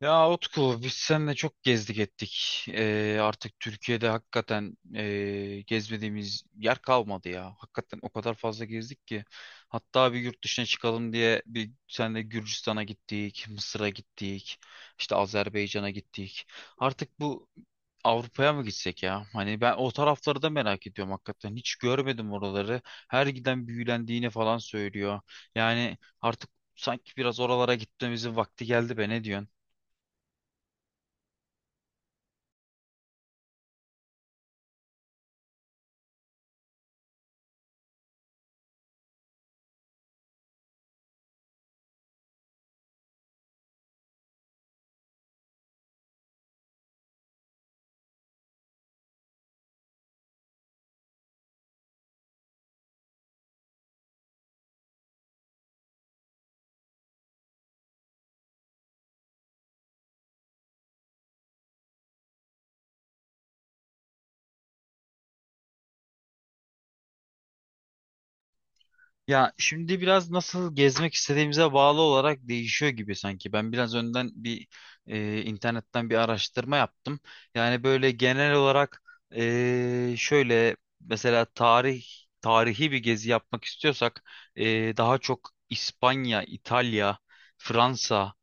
Ya Utku, biz seninle çok gezdik ettik. Artık Türkiye'de hakikaten gezmediğimiz yer kalmadı ya. Hakikaten o kadar fazla gezdik ki. Hatta bir yurt dışına çıkalım diye bir seninle Gürcistan'a gittik, Mısır'a gittik, işte Azerbaycan'a gittik. Artık bu Avrupa'ya mı gitsek ya? Hani ben o tarafları da merak ediyorum hakikaten. Hiç görmedim oraları. Her giden büyülendiğini falan söylüyor. Yani artık sanki biraz oralara gitmemizin vakti geldi be, ne diyorsun? Ya şimdi biraz nasıl gezmek istediğimize bağlı olarak değişiyor gibi sanki. Ben biraz önden bir internetten bir araştırma yaptım. Yani böyle genel olarak, şöyle mesela tarihi bir gezi yapmak istiyorsak daha çok İspanya, İtalya, Fransa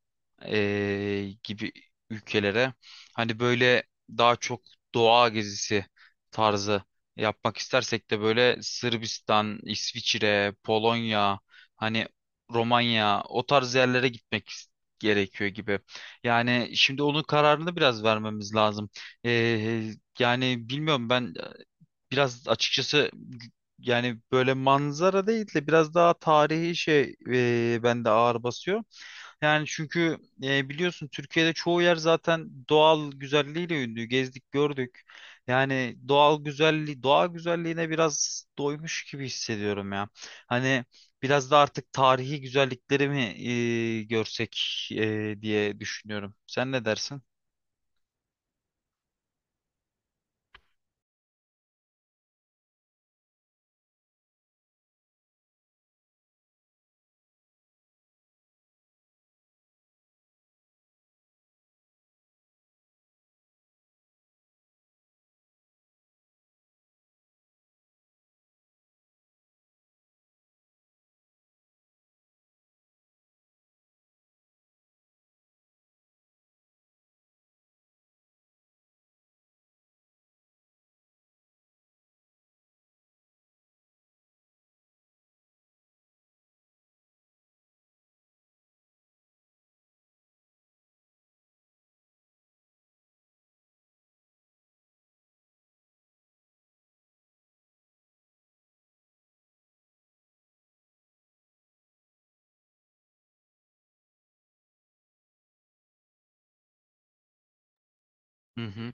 gibi ülkelere, hani böyle daha çok doğa gezisi tarzı yapmak istersek de böyle Sırbistan, İsviçre, Polonya, hani Romanya, o tarz yerlere gitmek gerekiyor gibi. Yani şimdi onun kararını biraz vermemiz lazım. Yani bilmiyorum, ben biraz açıkçası yani böyle manzara değil de biraz daha tarihi şey bende ağır basıyor. Yani çünkü biliyorsun Türkiye'de çoğu yer zaten doğal güzelliğiyle ünlü. Gezdik, gördük. Yani doğal güzelliği, doğa güzelliğine biraz doymuş gibi hissediyorum ya. Hani biraz da artık tarihi güzellikleri mi görsek diye düşünüyorum. Sen ne dersin? Hı hı.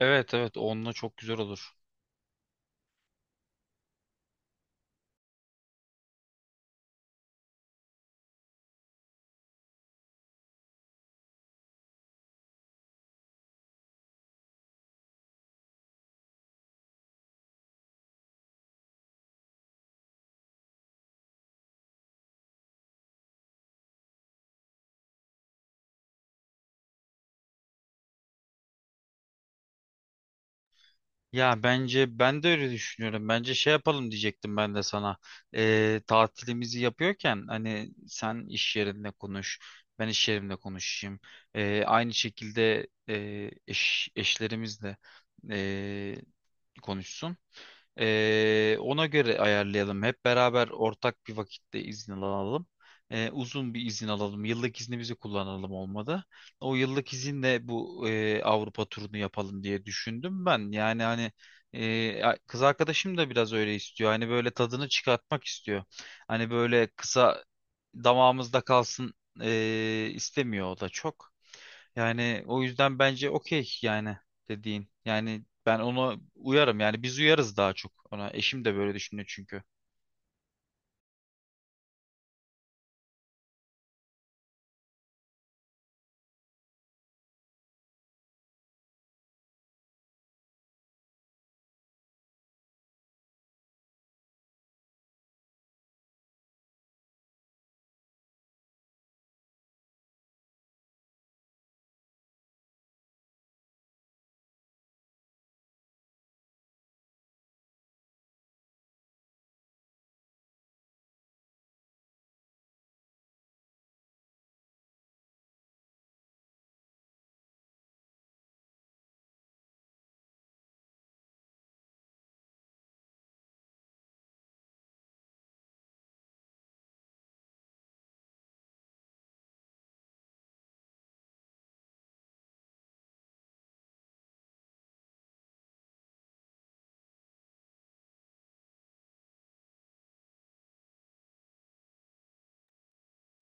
Evet, evet, onunla çok güzel olur. Ya bence ben de öyle düşünüyorum. Bence şey yapalım diyecektim ben de sana. Tatilimizi yapıyorken, hani sen iş yerinde konuş, ben iş yerimde konuşayım. Aynı şekilde eşlerimiz de e, konuşsun. Ona göre ayarlayalım. Hep beraber ortak bir vakitte izin alalım. Uzun bir izin alalım. Yıllık iznimizi kullanalım olmadı. O yıllık izinle bu Avrupa turunu yapalım diye düşündüm ben. Yani hani kız arkadaşım da biraz öyle istiyor. Hani böyle tadını çıkartmak istiyor. Hani böyle kısa damağımızda kalsın istemiyor o da çok. Yani o yüzden bence okey, yani dediğin. Yani ben ona uyarım. Yani biz uyarız daha çok ona. Eşim de böyle düşünüyor çünkü.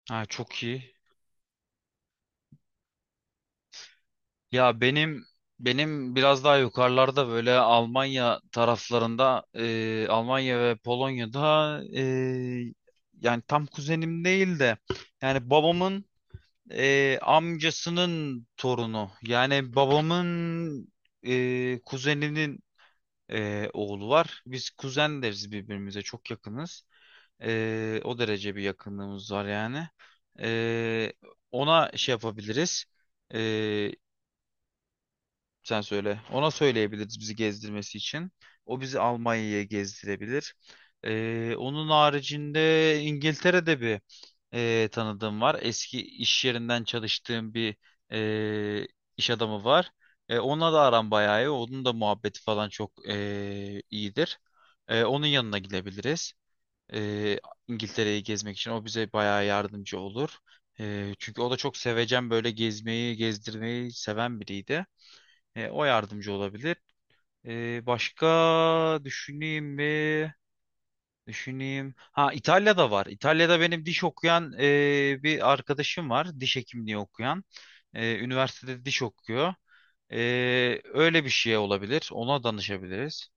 Ha, çok iyi. Ya benim biraz daha yukarılarda, böyle Almanya taraflarında, Almanya ve Polonya'da yani tam kuzenim değil de, yani babamın amcasının torunu, yani babamın kuzeninin oğlu var. Biz kuzen deriz birbirimize, çok yakınız. O derece bir yakınlığımız var yani. E, ona şey yapabiliriz. Sen söyle. Ona söyleyebiliriz bizi gezdirmesi için. O bizi Almanya'ya gezdirebilir. Onun haricinde İngiltere'de bir tanıdığım var. Eski iş yerinden çalıştığım bir e, iş adamı var. Onunla da aram bayağı iyi. Onun da muhabbeti falan çok iyidir. Onun yanına gidebiliriz. E, İngiltere'yi gezmek için o bize bayağı yardımcı olur. Çünkü o da çok sevecen, böyle gezmeyi, gezdirmeyi seven biriydi. O yardımcı olabilir. Başka düşüneyim mi? Düşüneyim. Ha, İtalya'da var. İtalya'da benim diş okuyan bir arkadaşım var. Diş hekimliği okuyan. Üniversitede diş okuyor. E, öyle bir şey olabilir. Ona danışabiliriz.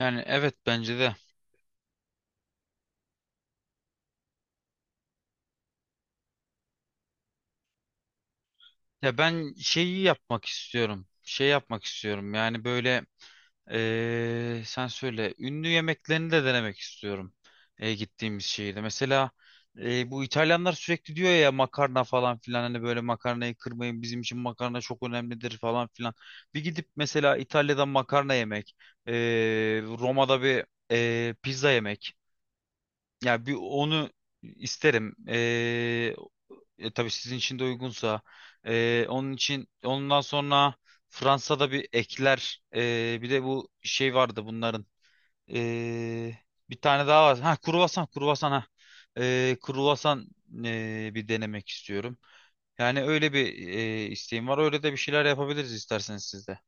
Yani evet, bence de. Ya ben şeyi yapmak istiyorum. Şey yapmak istiyorum. Yani böyle. Sen söyle. Ünlü yemeklerini de denemek istiyorum. Gittiğimiz şehirde. Mesela bu İtalyanlar sürekli diyor ya, makarna falan filan. Hani böyle makarnayı kırmayın, bizim için makarna çok önemlidir falan filan. Bir gidip mesela İtalya'dan makarna yemek, ee, Roma'da bir pizza yemek. Yani bir onu isterim. Tabii sizin için de uygunsa. Onun için, ondan sonra Fransa'da bir ekler. Bir de bu şey vardı bunların. E, bir tane daha var. Ha, kruvasan, kruvasan, ha. Kruvasan bir denemek istiyorum. Yani öyle bir isteğim var. Öyle de bir şeyler yapabiliriz isterseniz siz de.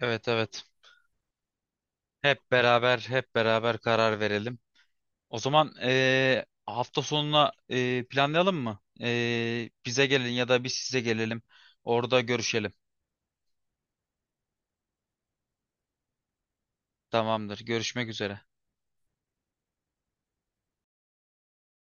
Evet, evet. Hep beraber, hep beraber karar verelim. O zaman hafta sonuna planlayalım mı? Bize gelin ya da biz size gelelim. Orada görüşelim. Tamamdır. Görüşmek üzere.